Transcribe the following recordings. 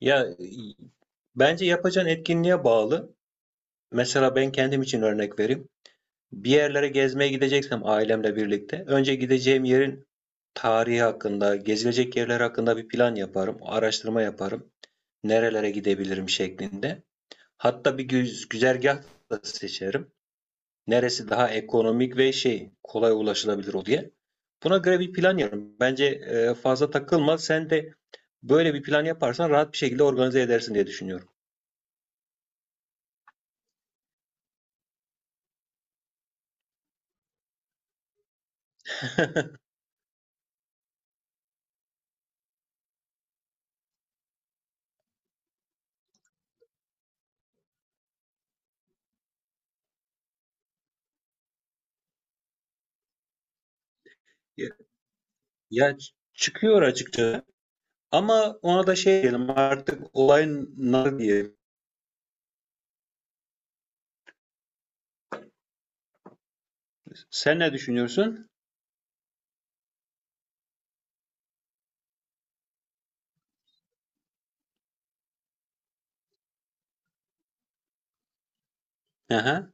Ya bence yapacağın etkinliğe bağlı. Mesela ben kendim için örnek vereyim. Bir yerlere gezmeye gideceksem ailemle birlikte önce gideceğim yerin tarihi hakkında, gezilecek yerler hakkında bir plan yaparım, araştırma yaparım. Nerelere gidebilirim şeklinde. Hatta bir güzergah da seçerim. Neresi daha ekonomik ve şey kolay ulaşılabilir o diye. Buna göre bir plan yaparım. Bence fazla takılma. Sen de böyle bir plan yaparsan rahat bir şekilde organize edersin diye düşünüyorum. Ya çıkıyor açıkçası ama ona da şey diyelim artık olayın nar diyelim. Sen ne düşünüyorsun? Aha,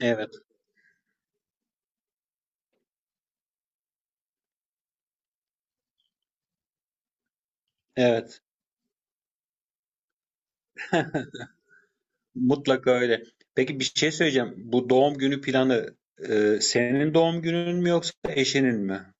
evet, evet. Mutlaka öyle. Peki bir şey söyleyeceğim. Bu doğum günü planı senin doğum günün mü yoksa eşinin mi?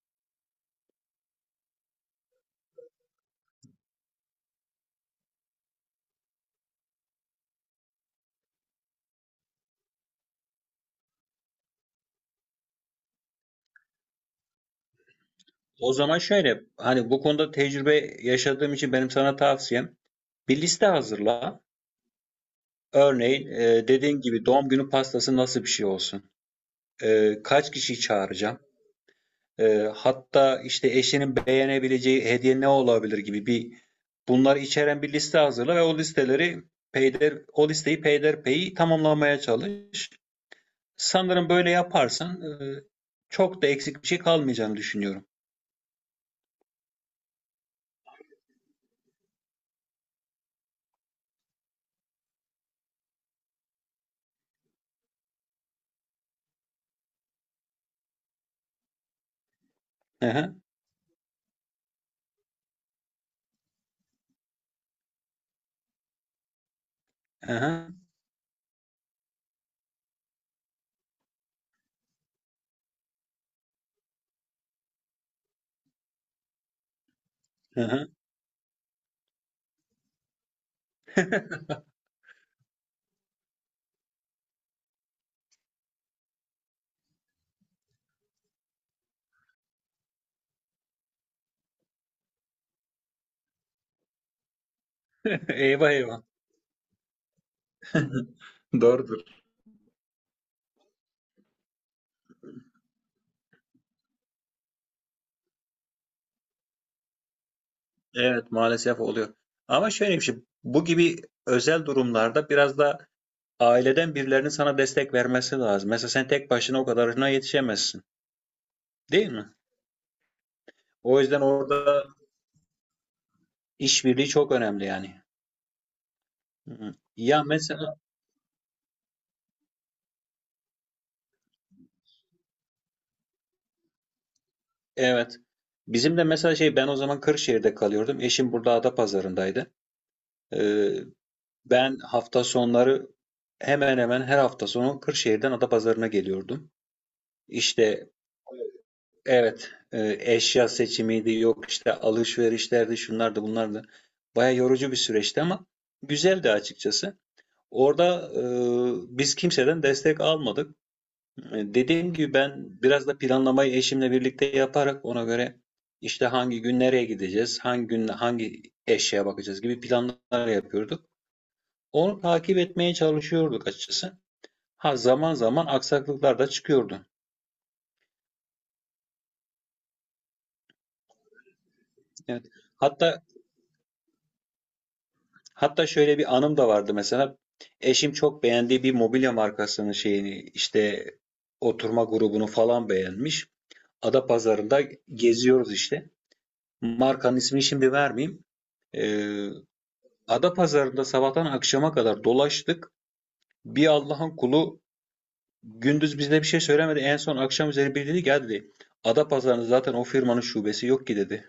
O zaman şöyle, hani bu konuda tecrübe yaşadığım için benim sana tavsiyem bir liste hazırla. Örneğin dediğin gibi doğum günü pastası nasıl bir şey olsun? Kaç kişiyi çağıracağım? Hatta işte eşinin beğenebileceği hediye ne olabilir gibi bir bunları içeren bir liste hazırla ve o listeleri o listeyi peyderpey tamamlamaya çalış. Sanırım böyle yaparsan çok da eksik bir şey kalmayacağını düşünüyorum. Aha, aha, aha. Eyvah eyvah. Doğrudur. Evet maalesef oluyor. Ama şöyle bir şey, bu gibi özel durumlarda biraz da aileden birilerinin sana destek vermesi lazım. Mesela sen tek başına o kadarına yetişemezsin, değil mi? O yüzden orada işbirliği çok önemli yani. Hı hı. Ya mesela evet. Bizim de mesela şey ben o zaman Kırşehir'de kalıyordum. Eşim burada Adapazarı'ndaydı. Ee, Ben hafta sonları hemen hemen her hafta sonu Kırşehir'den Adapazarı'na geliyordum. İşte evet eşya seçimiydi yok işte alışverişlerdi şunlardı bunlardı. Baya yorucu bir süreçti ama güzeldi açıkçası. Orada biz kimseden destek almadık. E, dediğim gibi ben biraz da planlamayı eşimle birlikte yaparak ona göre işte hangi gün nereye gideceğiz, hangi gün hangi eşyaya bakacağız gibi planlar yapıyorduk. Onu takip etmeye çalışıyorduk açıkçası. Ha zaman zaman aksaklıklar da çıkıyordu. Evet. Hatta hatta şöyle bir anım da vardı mesela. Eşim çok beğendiği bir mobilya markasının şeyini işte oturma grubunu falan beğenmiş. Adapazarı'nda geziyoruz işte. Markanın ismini şimdi vermeyeyim. Ee, Adapazarı'nda sabahtan akşama kadar dolaştık. Bir Allah'ın kulu gündüz bize bir şey söylemedi. En son akşam üzeri biri dedi ki "Ya," dedi. Adapazarı'nda zaten o firmanın şubesi yok ki dedi.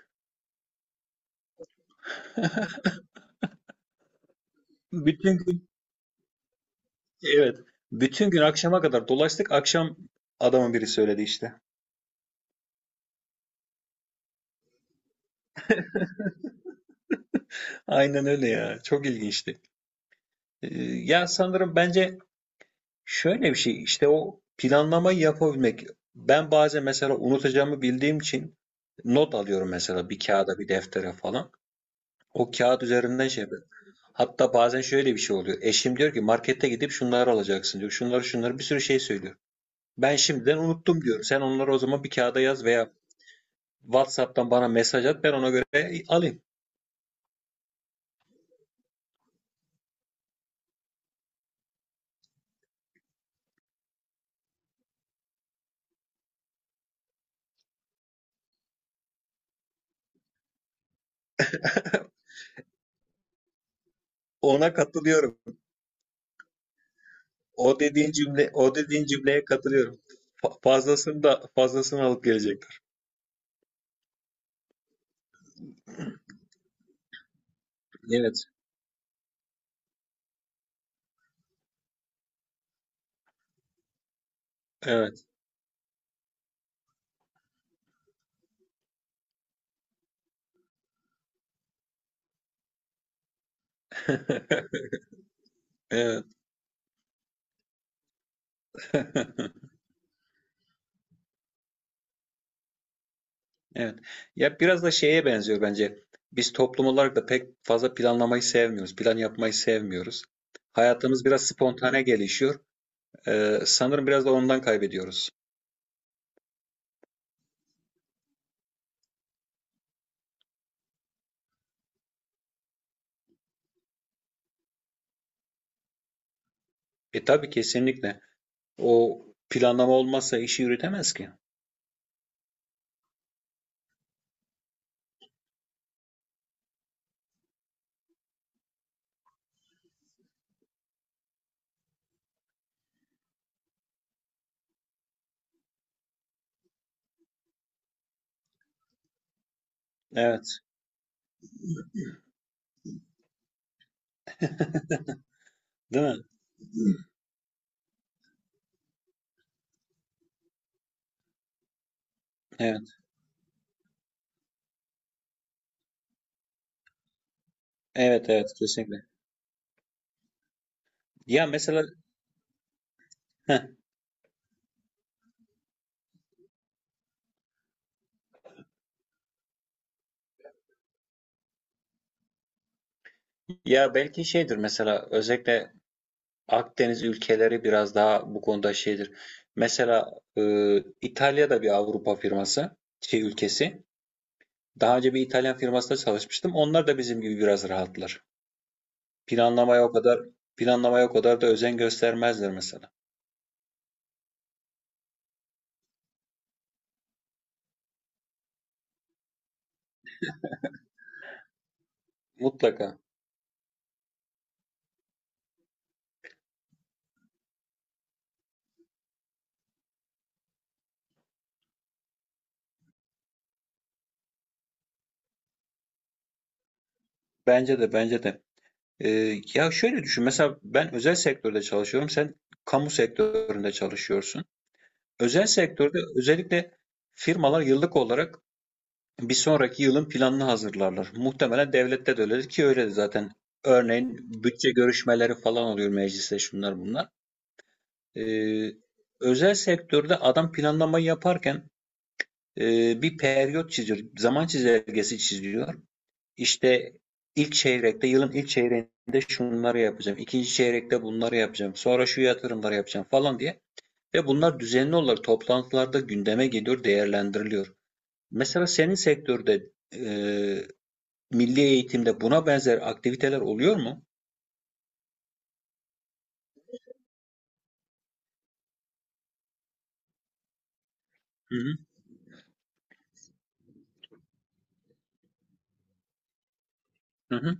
Bütün gün evet. Bütün gün akşama kadar dolaştık. Akşam adamın biri söyledi işte. Aynen öyle ya. Çok ilginçti. Ya sanırım bence şöyle bir şey işte o planlamayı yapabilmek. Ben bazen mesela unutacağımı bildiğim için not alıyorum mesela bir kağıda bir deftere falan. O kağıt üzerinden şey. Hatta bazen şöyle bir şey oluyor. Eşim diyor ki markette gidip şunları alacaksın diyor. Şunları şunları bir sürü şey söylüyor. Ben şimdiden unuttum diyorum. Sen onları o zaman bir kağıda yaz veya WhatsApp'tan bana mesaj at ben ona göre alayım. Ona katılıyorum. O dediğin cümleye katılıyorum. Fazlasını da fazlasını alıp gelecekler. Evet. Evet. Evet. Evet. Ya biraz da şeye benziyor bence. Biz toplum olarak da pek fazla planlamayı sevmiyoruz. Plan yapmayı sevmiyoruz. Hayatımız biraz spontane gelişiyor. Sanırım biraz da ondan kaybediyoruz. E tabii kesinlikle. O planlama olmazsa işi yürütemez ki. Evet. Değil mi? Evet. Evet evet kesinlikle. Ya mesela heh, ya belki şeydir mesela özellikle Akdeniz ülkeleri biraz daha bu konuda şeydir. Mesela İtalya'da bir Avrupa firması şey ülkesi. Daha önce bir İtalyan firmasında çalışmıştım. Onlar da bizim gibi biraz rahatlar. Planlamaya o kadar Planlamaya o kadar da özen göstermezler mesela. Mutlaka. Bence de. Ya şöyle düşün. Mesela ben özel sektörde çalışıyorum. Sen kamu sektöründe çalışıyorsun. Özel sektörde özellikle firmalar yıllık olarak bir sonraki yılın planını hazırlarlar. Muhtemelen devlette de öyledir ki öyle de zaten. Örneğin bütçe görüşmeleri falan oluyor mecliste şunlar bunlar. Ee, Özel sektörde adam planlamayı yaparken bir periyot çiziyor. Zaman çizelgesi çiziyor. İşte ilk çeyrekte, yılın ilk çeyreğinde şunları yapacağım, ikinci çeyrekte bunları yapacağım, sonra şu yatırımları yapacağım falan diye. Ve bunlar düzenli olarak toplantılarda gündeme geliyor, değerlendiriliyor. Mesela senin sektörde milli eğitimde buna benzer aktiviteler oluyor mu? Hı hı, hı hı.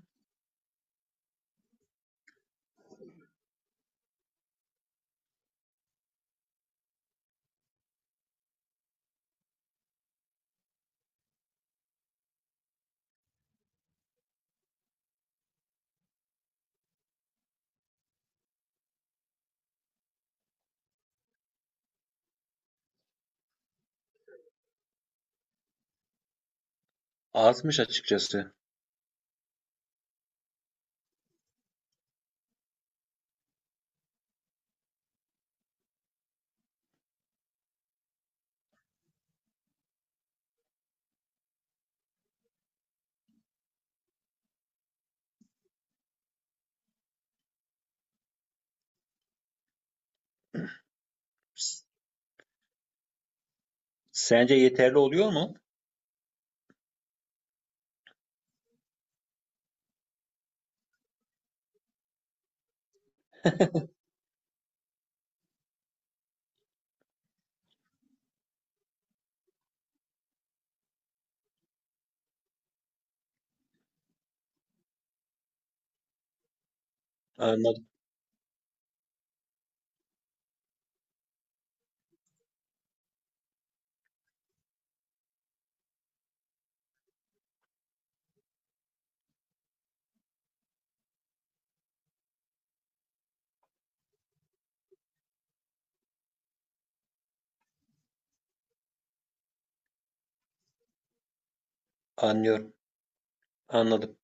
Azmış açıkçası. S- Sence yeterli oluyor mu? Anladım, anlıyorum, anladım.